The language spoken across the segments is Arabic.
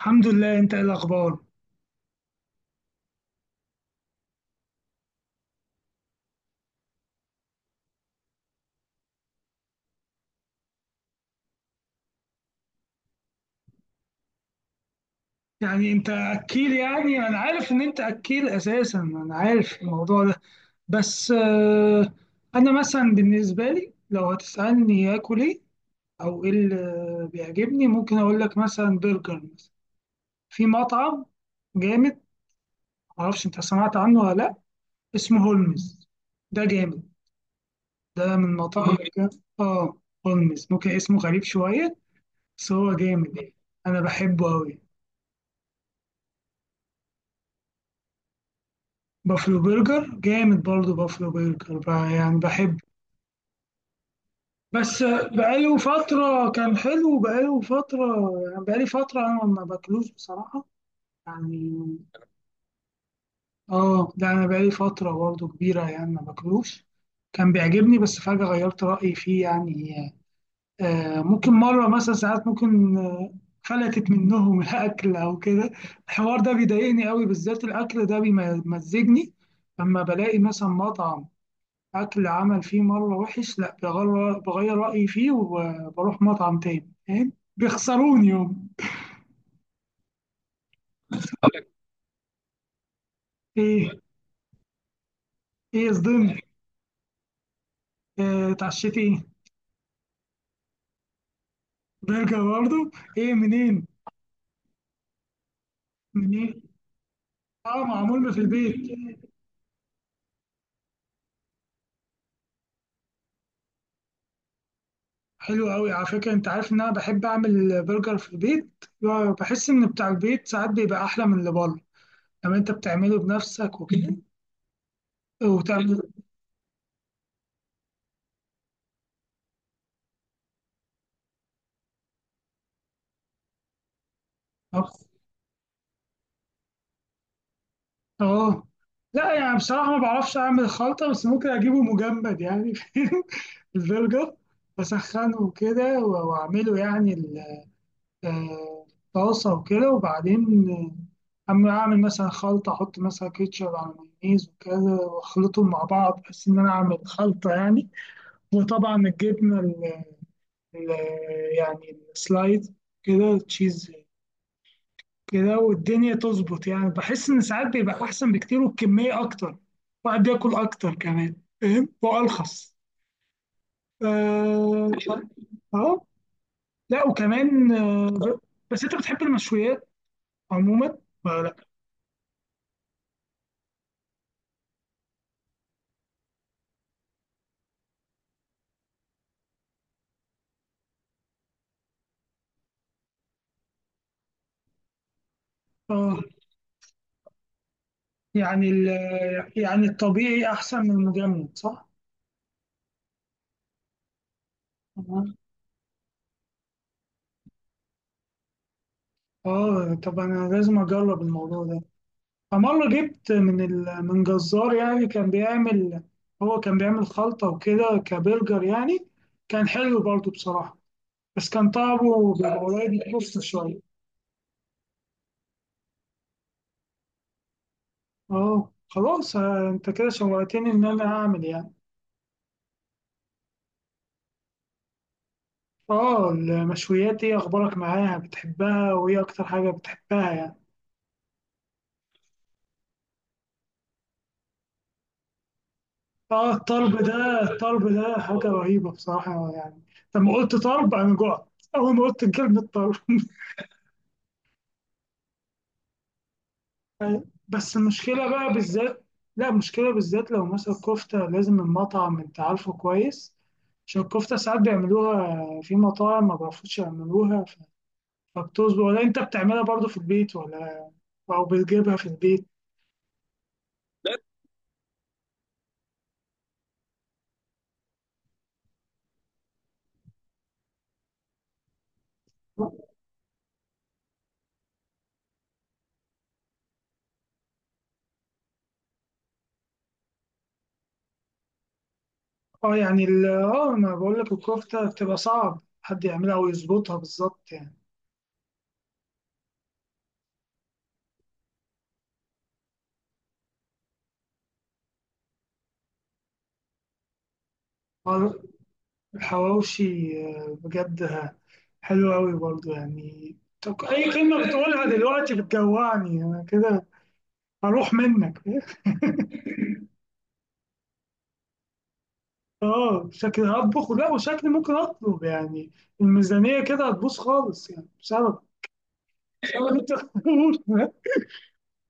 الحمد لله، انت ايه الاخبار؟ يعني انت اكيل، يعني انا عارف ان انت اكيل اساسا، انا عارف الموضوع ده. بس انا مثلا بالنسبه لي لو هتسالني اكل ايه او ايه اللي بيعجبني، ممكن اقول لك مثلا برجر، مثلا في مطعم جامد. معرفش انت سمعت عنه ولا لا؟ اسمه هولمز. ده جامد، ده من المطاعم. اه، هولمز ممكن اسمه غريب شويه، بس هو جامد يعني. انا بحبه قوي. بافلو برجر جامد برضه، بافلو برجر بقى يعني بحب. بس بقاله فترة كان حلو، بقاله فترة يعني، بقالي فترة أنا ما باكلوش بصراحة يعني. اه، ده أنا بقالي فترة برضه كبيرة يعني ما باكلوش. كان بيعجبني بس فجأة غيرت رأيي فيه يعني. آه ممكن مرة مثلا، ساعات ممكن فلتت منهم الأكل أو كده. الحوار ده بيضايقني قوي، بالذات الأكل ده بيمزجني. لما بلاقي مثلا مطعم أكل عمل فيه مرة وحش، لأ بغير رأيي فيه وبروح مطعم تاني، فاهم؟ بيخسروني يوم. إيه؟ إيه صدمت؟ إيه اتعشيت إيه؟ برجر برضه؟ إيه منين؟ منين؟ أه، معمول في البيت. حلو أوي على فكرة، أنت عارف إن أنا بحب أعمل برجر في البيت. بحس إن بتاع البيت ساعات بيبقى أحلى من اللي بره، لما أنت بتعمله بنفسك وكده. وتعمل. اه. لا يعني بصراحة ما بعرفش أعمل خلطة، بس ممكن أجيبه مجمد يعني فاهم؟ البرجر بسخنه وكده وأعمله يعني الطاسة وكده، وبعدين أما أعمل مثلا خلطة، أحط مثلا كيتشب على مايونيز وكده وأخلطهم مع بعض، بحيث إن أنا أعمل خلطة يعني. وطبعا الجبنة ال- يعني السلايد كده، تشيز كده، والدنيا تظبط يعني. بحس ان ساعات بيبقى احسن بكتير، والكميه اكتر، واحد بياكل اكتر كمان، فاهم؟ وارخص. اه. آه. لا وكمان آه. بس انت بتحب المشويات عموما ولا لا؟ اه يعني يعني الطبيعي احسن من المجمد، صح؟ اه، طب انا لازم اجرب الموضوع ده. فمره جبت من من جزار يعني كان بيعمل، هو كان بيعمل خلطه وكده كبرجر يعني. كان حلو برضو بصراحه، بس كان طعمه بيبقى قريب من الكفتة شوية. اه خلاص، انت كده شوقتني ان انا اعمل يعني. اه المشويات، ايه اخبارك معاها؟ بتحبها؟ وايه اكتر حاجة بتحبها يعني؟ اه الطلب ده، الطلب ده حاجة رهيبة بصراحة يعني. لما قلت طلب انا جوعت، اول ما قلت كلمة طلب بس المشكلة بقى بالذات، لا المشكلة بالذات لو مثلا كفتة لازم المطعم انت عارفه كويس، عشان الكفتة ساعات بيعملوها في مطاعم ما بيعرفوش يعملوها. مكتوب ولا انت بتعملها برضو في البيت ولا إيه؟ او بتجيبها في البيت؟ اه يعني اه انا بقول لك الكفته بتبقى صعب حد يعملها او يظبطها بالظبط يعني. آه، الحواوشي، بجد حلو قوي برضو يعني. طب اي كلمه بتقولها دلوقتي بتجوعني انا كده، هروح منك اه، شكلي هطبخ، ولا وشكلي ممكن اطلب يعني. الميزانيه كده هتبوظ خالص يعني بسبب اللي انت بتقوله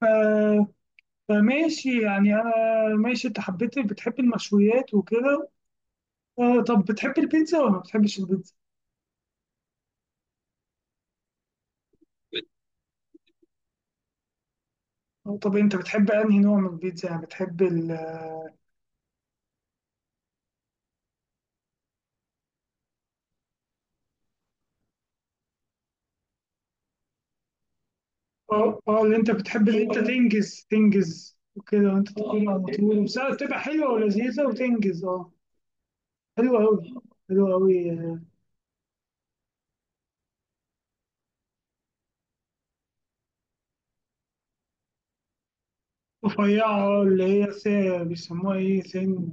فماشي يعني، انا ماشي. انت حبيت، بتحب المشويات وكده. طب بتحب البيتزا ولا ما بتحبش البيتزا؟ طب انت بتحب انهي نوع من البيتزا؟ يعني بتحب ال اه اه اللي انت بتحب، اللي انت تنجز تنجز وكده، وانت تكون على طول، بس بتبقى حلوه ولذيذه وتنجز. اه، حلوه قوي. حلوه قوي. رفيعه اللي هي بيسموها ايه، سن؟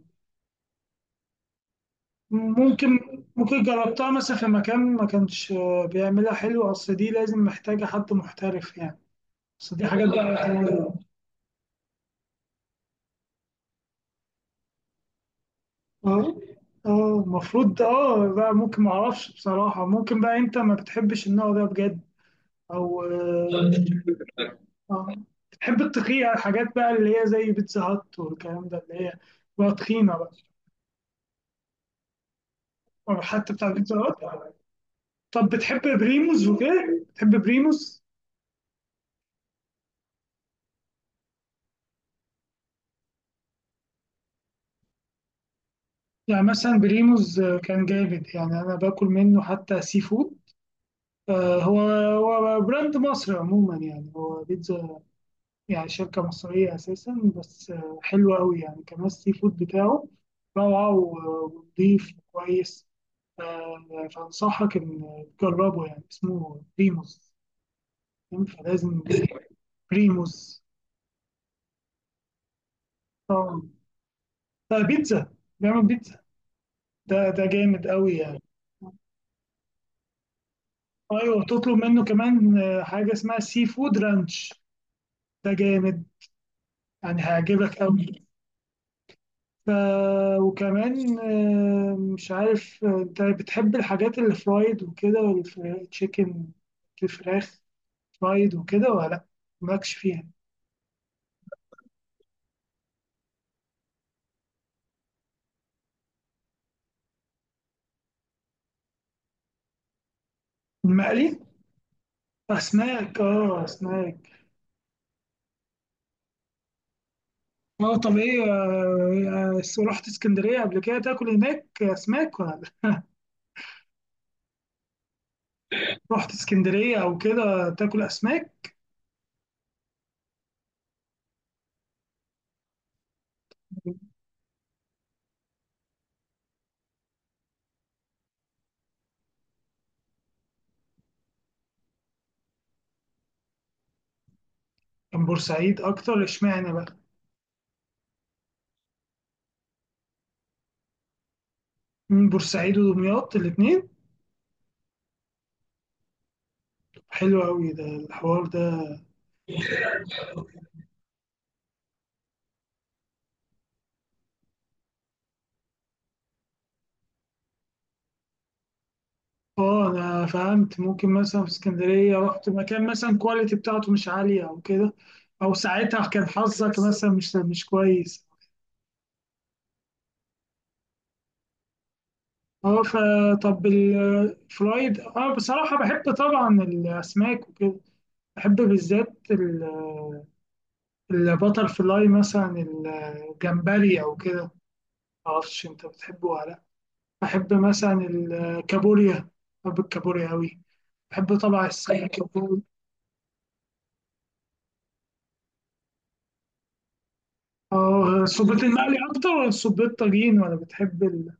ممكن. جربتها مثلا في مكان ما كانش بيعملها حلو، اصل دي لازم محتاجه حد محترف يعني. بس دي حاجة بقى. اه. اه المفروض اه بقى، ممكن، معرفش بصراحة. ممكن بقى انت ما بتحبش النوع ده بجد، او اه. آه. بتحب التقية، الحاجات بقى اللي هي زي بيتزا هات والكلام ده، اللي هي بقى تخينة بقى. أو حتى بتاع بيتزا هات. طب بتحب بريموز وكده؟ بتحب بريموز؟ يعني مثلا بريموز كان جامد يعني، انا باكل منه حتى سي فود. هو براند مصري عموما يعني، هو بيتزا، يعني شركة مصرية أساسا. بس حلوة أوي يعني. كمان السي فود بتاعه روعة ونضيف وكويس. فأنصحك إن تجربه يعني. اسمه بريموس، فاهم؟ فلازم. بريموس، طبعا. بيتزا، بيعمل بيتزا. ده جامد أوي يعني. أيوة، وتطلب منه كمان حاجة اسمها سي فود رانش. ده جامد يعني، هيعجبك أوي. ف... وكمان مش عارف، انت بتحب الحاجات اللي فرايد وكده، والتشيكن، الفراخ فرايد وكده ولا لا؟ مالكش فيها. المقلي. اسماك. اه، اسماك. اه طب ايه، رحت اسكندرية قبل كده تاكل هناك اسماك ولا لا؟ رحت اسكندرية او كده تاكل اسماك؟ كان بورسعيد اكتر، اشمعنى بقى؟ بورسعيد ودمياط، الاتنين. حلو قوي ده، الحوار ده. اه انا فهمت، ممكن مثلا في اسكندريه رحت مكان مثلا الكواليتي بتاعته مش عاليه او كده، او ساعتها كان حظك مثلا مش كويس. اه، فطب الفرايد. اه بصراحه بحب طبعا الاسماك وكده، بحب بالذات البتر فلاي مثلا، الجمبري او كده. معرفش انت بتحبه ولا لا. بحب مثلا الكابوريا، بحب الكابوريا قوي، بحب طبعا السمك. اه صبيت المقلي اكتر ولا صبيت طاجين؟ ولا بتحب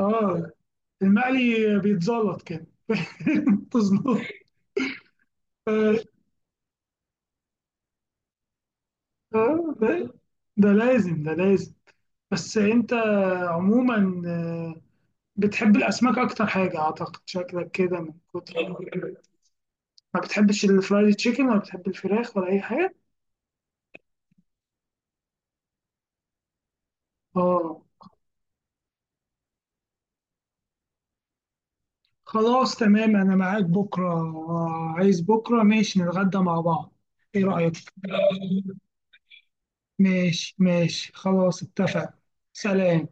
اه المقلي بيتزلط كده تظبط. آه، ده ده لازم، ده لازم. بس انت عموما بتحب الاسماك اكتر حاجه، اعتقد. شكلك كده من كتر ما بتحبش الفرايد تشيكن، ولا بتحب الفراخ ولا اي حاجه؟ اه خلاص، تمام. انا معاك بكره. عايز بكره ماشي نتغدى مع بعض، ايه رايك؟ ماشي ماشي، خلاص اتفق. سلام.